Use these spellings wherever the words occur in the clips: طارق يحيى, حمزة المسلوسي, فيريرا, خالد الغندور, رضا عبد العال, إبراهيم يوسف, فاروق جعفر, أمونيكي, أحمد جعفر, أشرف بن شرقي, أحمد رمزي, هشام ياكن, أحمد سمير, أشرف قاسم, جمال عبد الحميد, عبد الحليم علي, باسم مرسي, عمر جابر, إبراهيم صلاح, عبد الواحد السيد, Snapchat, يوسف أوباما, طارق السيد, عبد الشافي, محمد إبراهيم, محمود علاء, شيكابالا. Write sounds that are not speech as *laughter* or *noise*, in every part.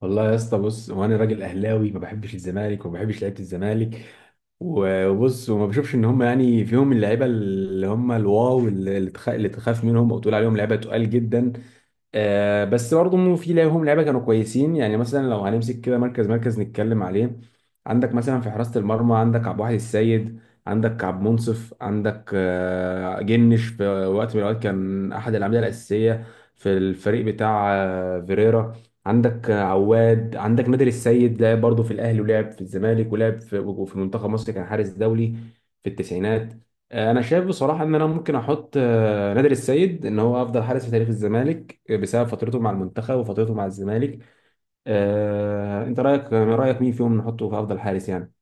والله يا اسطى، بص، وانا راجل اهلاوي ما بحبش الزمالك وما بحبش لعيبه الزمالك. وبص، وما بشوفش ان هم يعني فيهم اللعيبه اللي هم الواو اللي تخاف منهم او تقول عليهم لعيبه تقال جدا. بس برضه إنه في لهم لعيبه كانوا كويسين، يعني مثلا لو هنمسك كده مركز نتكلم عليه. عندك مثلا في حراسه المرمى عندك عبد الواحد السيد، عندك عبد منصف، عندك جنش، في وقت من الاوقات كان احد الاعمده الاساسيه في الفريق بتاع فيريرا. عندك عواد، عندك نادر السيد، لعب برضه في الاهلي ولعب في الزمالك ولعب في وفي منتخب مصر، كان حارس دولي في التسعينات. انا شايف بصراحه ان انا ممكن احط نادر السيد ان هو افضل حارس في تاريخ الزمالك، بسبب فترته مع المنتخب وفترته مع الزمالك. انت رايك مين فيهم نحطه في افضل حارس يعني؟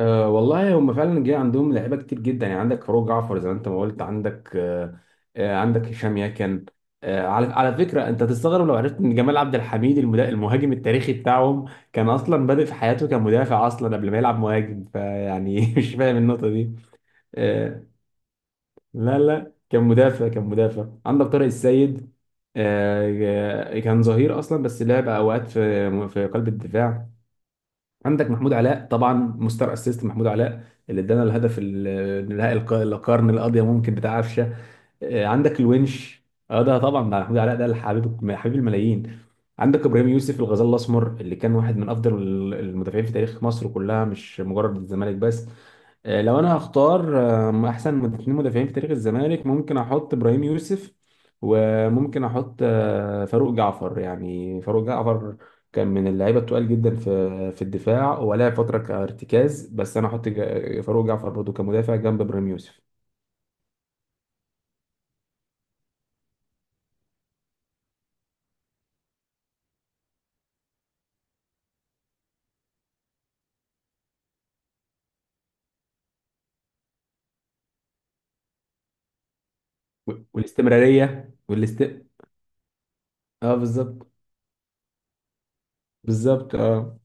أه، والله هم فعلا جه عندهم لعيبه كتير جدا، يعني عندك فاروق جعفر زي ما انت ما قلت، عندك أه آه، عندك هشام ياكن. أه، على فكره انت تستغرب لو عرفت ان جمال عبد الحميد المهاجم التاريخي بتاعهم كان اصلا بادئ في حياته كمدافع اصلا قبل ما يلعب مهاجم، فيعني *laughs* مش فاهم النقطه دي. آه، لا لا، كان مدافع، كان مدافع. عندك طارق السيد، كان ظهير اصلا بس لعب اوقات في قلب الدفاع. عندك محمود علاء طبعا، مستر اسيست محمود علاء اللي ادانا الهدف النهائي، القرن، القاضيه ممكن بتاع قفشه. عندك الونش. اه، ده طبعا ده محمود علاء ده، حبيب الملايين. عندك ابراهيم يوسف، الغزال الاسمر، اللي كان واحد من افضل المدافعين في تاريخ مصر كلها، مش مجرد الزمالك بس. لو انا هختار احسن من اتنين مدافعين في تاريخ الزمالك، ممكن احط ابراهيم يوسف وممكن احط فاروق جعفر. يعني فاروق جعفر كان من اللعيبه التقال جدا في الدفاع، ولعب فتره كارتكاز، بس انا احط فاروق جعفر برضه كمدافع جنب ابراهيم يوسف. والاستمرارية والاست. اه بالظبط، بالظبط اه.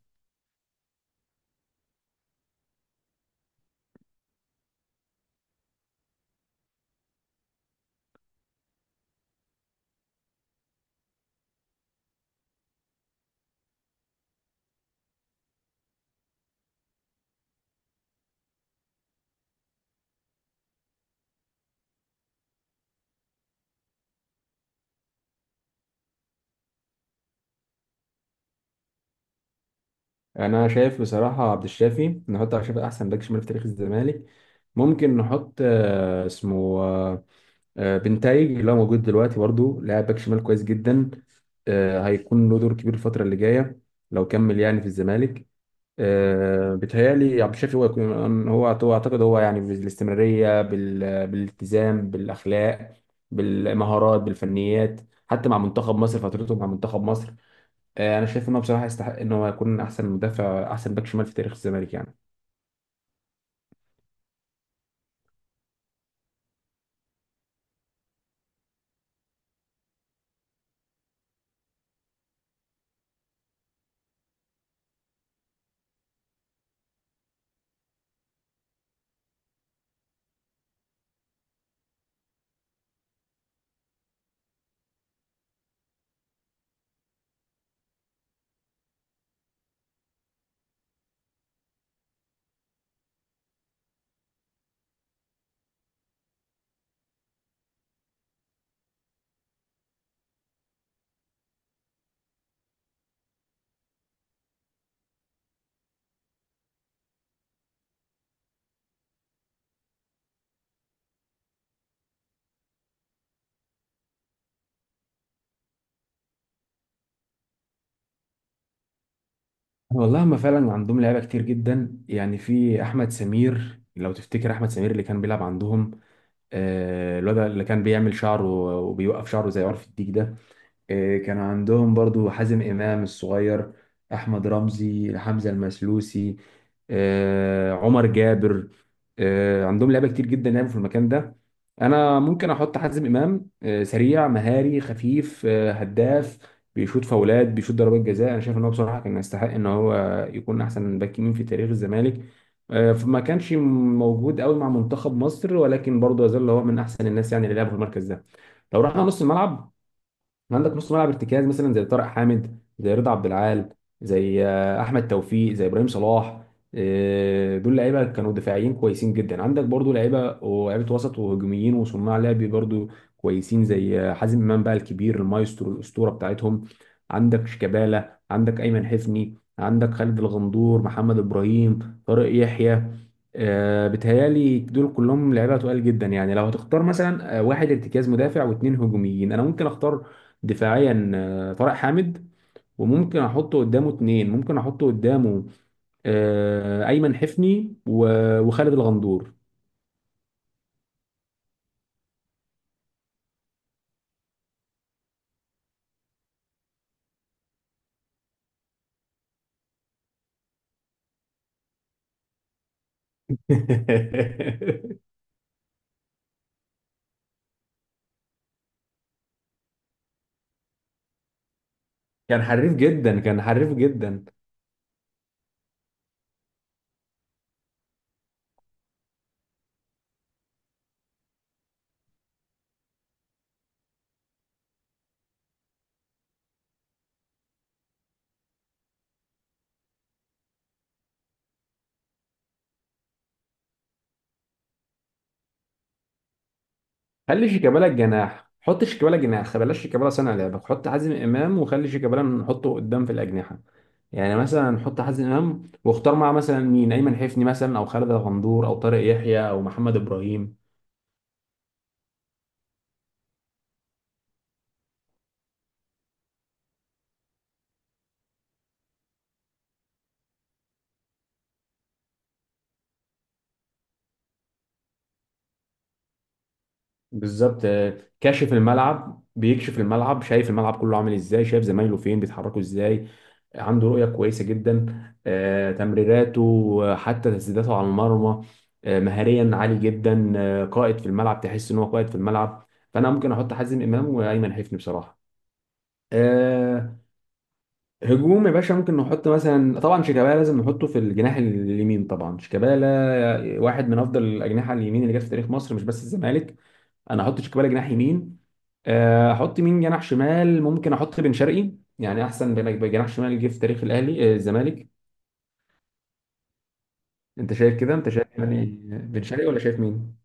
يعني انا شايف بصراحة عبد الشافي، نحط عبد الشافي احسن باك شمال في تاريخ الزمالك. ممكن نحط اسمه بنتايج، اللي هو موجود دلوقتي برضه، لاعب باك شمال كويس جدا، هيكون له دور كبير الفترة اللي جاية لو كمل يعني في الزمالك. بيتهيألي عبد الشافي هو هو اعتقد هو، يعني بالاستمرارية، بالالتزام، بالأخلاق، بالمهارات، بالفنيات، حتى مع منتخب مصر، فترته مع منتخب مصر، انا شايف انه بصراحة يستحق ان هو يكون احسن مدافع، احسن باك شمال في تاريخ الزمالك يعني. والله هم فعلا عندهم لعيبة كتير جدا، يعني في احمد سمير، لو تفتكر احمد سمير اللي كان بيلعب عندهم، الواد اللي كان بيعمل شعره وبيوقف شعره زي عرف الديك ده. إيه، كان عندهم برضو حازم إمام الصغير، أحمد رمزي، حمزة المسلوسي، عمر جابر. عندهم لعيبة كتير جدا لعبوا في المكان ده. أنا ممكن أحط حازم إمام، سريع، مهاري، خفيف، هداف، بيشوط فاولات، بيشوط ضربات جزاء. أنا شايف إن هو بصراحة كان يستحق إن هو يكون أحسن باك يمين في تاريخ الزمالك. فما كانش موجود قوي مع منتخب مصر، ولكن برضه يظل هو من أحسن الناس يعني اللي لعبوا في المركز ده. لو رحنا نص الملعب، عندك نص ملعب ارتكاز مثلا زي طارق حامد، زي رضا عبد العال، زي احمد توفيق، زي ابراهيم صلاح. دول لعيبه كانوا دفاعيين كويسين جدا. عندك برضو لعيبه، ولعيبه وسط وهجوميين وصناع لعب برضو كويسين، زي حازم امام بقى الكبير، المايسترو، الاسطوره بتاعتهم. عندك شيكابالا، عندك ايمن حفني، عندك خالد الغندور، محمد ابراهيم، طارق يحيى. بتهيالي دول كلهم لعيبه تقال جدا. يعني لو هتختار مثلا واحد ارتكاز مدافع واثنين هجوميين، انا ممكن اختار دفاعيا طارق حامد، وممكن احط قدامه اتنين، ممكن احط قدامه ايمن حفني وخالد الغندور. *laughs* كان حريف جدا، كان حريف جدا. خلي شيكابالا الجناح، حط شيكابالا جناح، بلاش شيكابالا صانع لعبك، حط حازم امام، وخلي شيكابالا نحطه قدام في الاجنحه. يعني مثلا نحط حازم امام واختار معاه مثلا مين، ايمن حفني مثلا، او خالد الغندور، او طارق يحيى، او محمد ابراهيم. بالظبط، كاشف الملعب، بيكشف الملعب، شايف الملعب كله عامل ازاي، شايف زمايله فين بيتحركوا ازاي، عنده رؤية كويسة جدا، تمريراته، حتى تسديداته على المرمى، مهاريا عالي جدا، قائد في الملعب، تحس ان هو قائد في الملعب. فانا ممكن احط حازم امام وايمن حفني بصراحة. آه، هجوم يا باشا، ممكن نحط مثلا، طبعا شيكابالا لازم نحطه في الجناح اليمين، طبعا شيكابالا واحد من افضل الاجنحة اليمين اللي جت في تاريخ مصر، مش بس الزمالك. انا احط شيكابالا جناح يمين، احط مين جناح شمال؟ ممكن احط بن شرقي، يعني احسن جناح شمال جه في تاريخ الاهلي الزمالك. انت شايف كده؟ انت شايف يعني بن شرقي، ولا شايف مين؟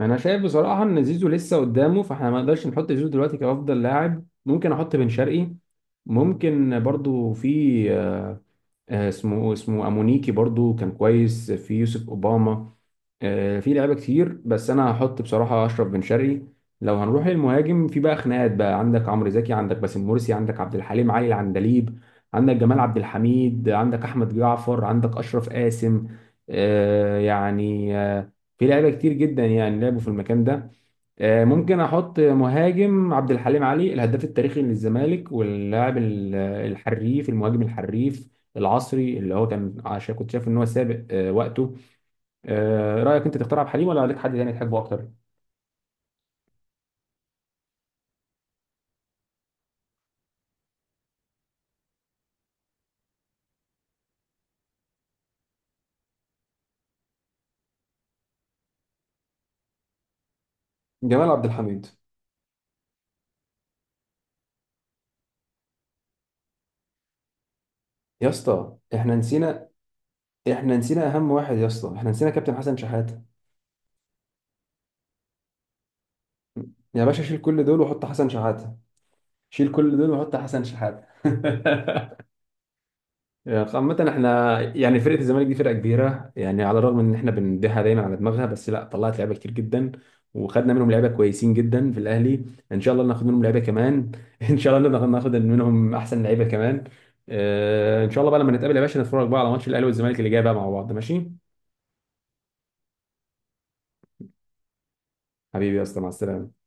انا شايف بصراحه ان زيزو لسه قدامه، فاحنا ما نقدرش نحط زيزو دلوقتي كافضل لاعب. ممكن احط بن شرقي، ممكن برضو في اسمه، امونيكي برضو كان كويس، في يوسف اوباما. في لعيبه كتير، بس انا هحط بصراحه اشرف بن شرقي. لو هنروح للمهاجم، في بقى خناقات بقى، عندك عمرو زكي، عندك باسم مرسي، عندك عبد الحليم علي العندليب، عندك جمال عبد الحميد، عندك احمد جعفر، عندك اشرف قاسم. آه، يعني آه، في لعيبه كتير جدا يعني لعبوا في المكان ده. ممكن احط مهاجم عبد الحليم علي، الهداف التاريخي للزمالك واللاعب الحريف، المهاجم الحريف العصري، اللي هو كان عشان كنت شايف ان هو سابق وقته. رايك انت تختار عبد الحليم، ولا لك حد تاني تحبه اكتر؟ جمال عبد الحميد. يا اسطى احنا نسينا، احنا نسينا اهم واحد يا اسطى، احنا نسينا كابتن حسن شحاته. يا باشا شيل كل دول وحط حسن شحاته، شيل كل دول وحط حسن شحاته. *laughs* عامة احنا يعني فرقة الزمالك دي فرقة كبيرة، يعني على الرغم ان احنا بنديها دايما على دماغها، بس لا، طلعت لعيبة كتير جدا، وخدنا منهم لعيبة كويسين جدا في الاهلي. ان شاء الله ناخد منهم لعيبة كمان، *laughs* ان شاء الله ناخد منهم احسن لعيبة كمان. ان شاء الله بقى لما نتقابل يا باشا نتفرج بقى على ماتش الاهلي والزمالك اللي جاي بقى مع بعض، ماشي؟ حبيبي يا اسطى، مع السلامة.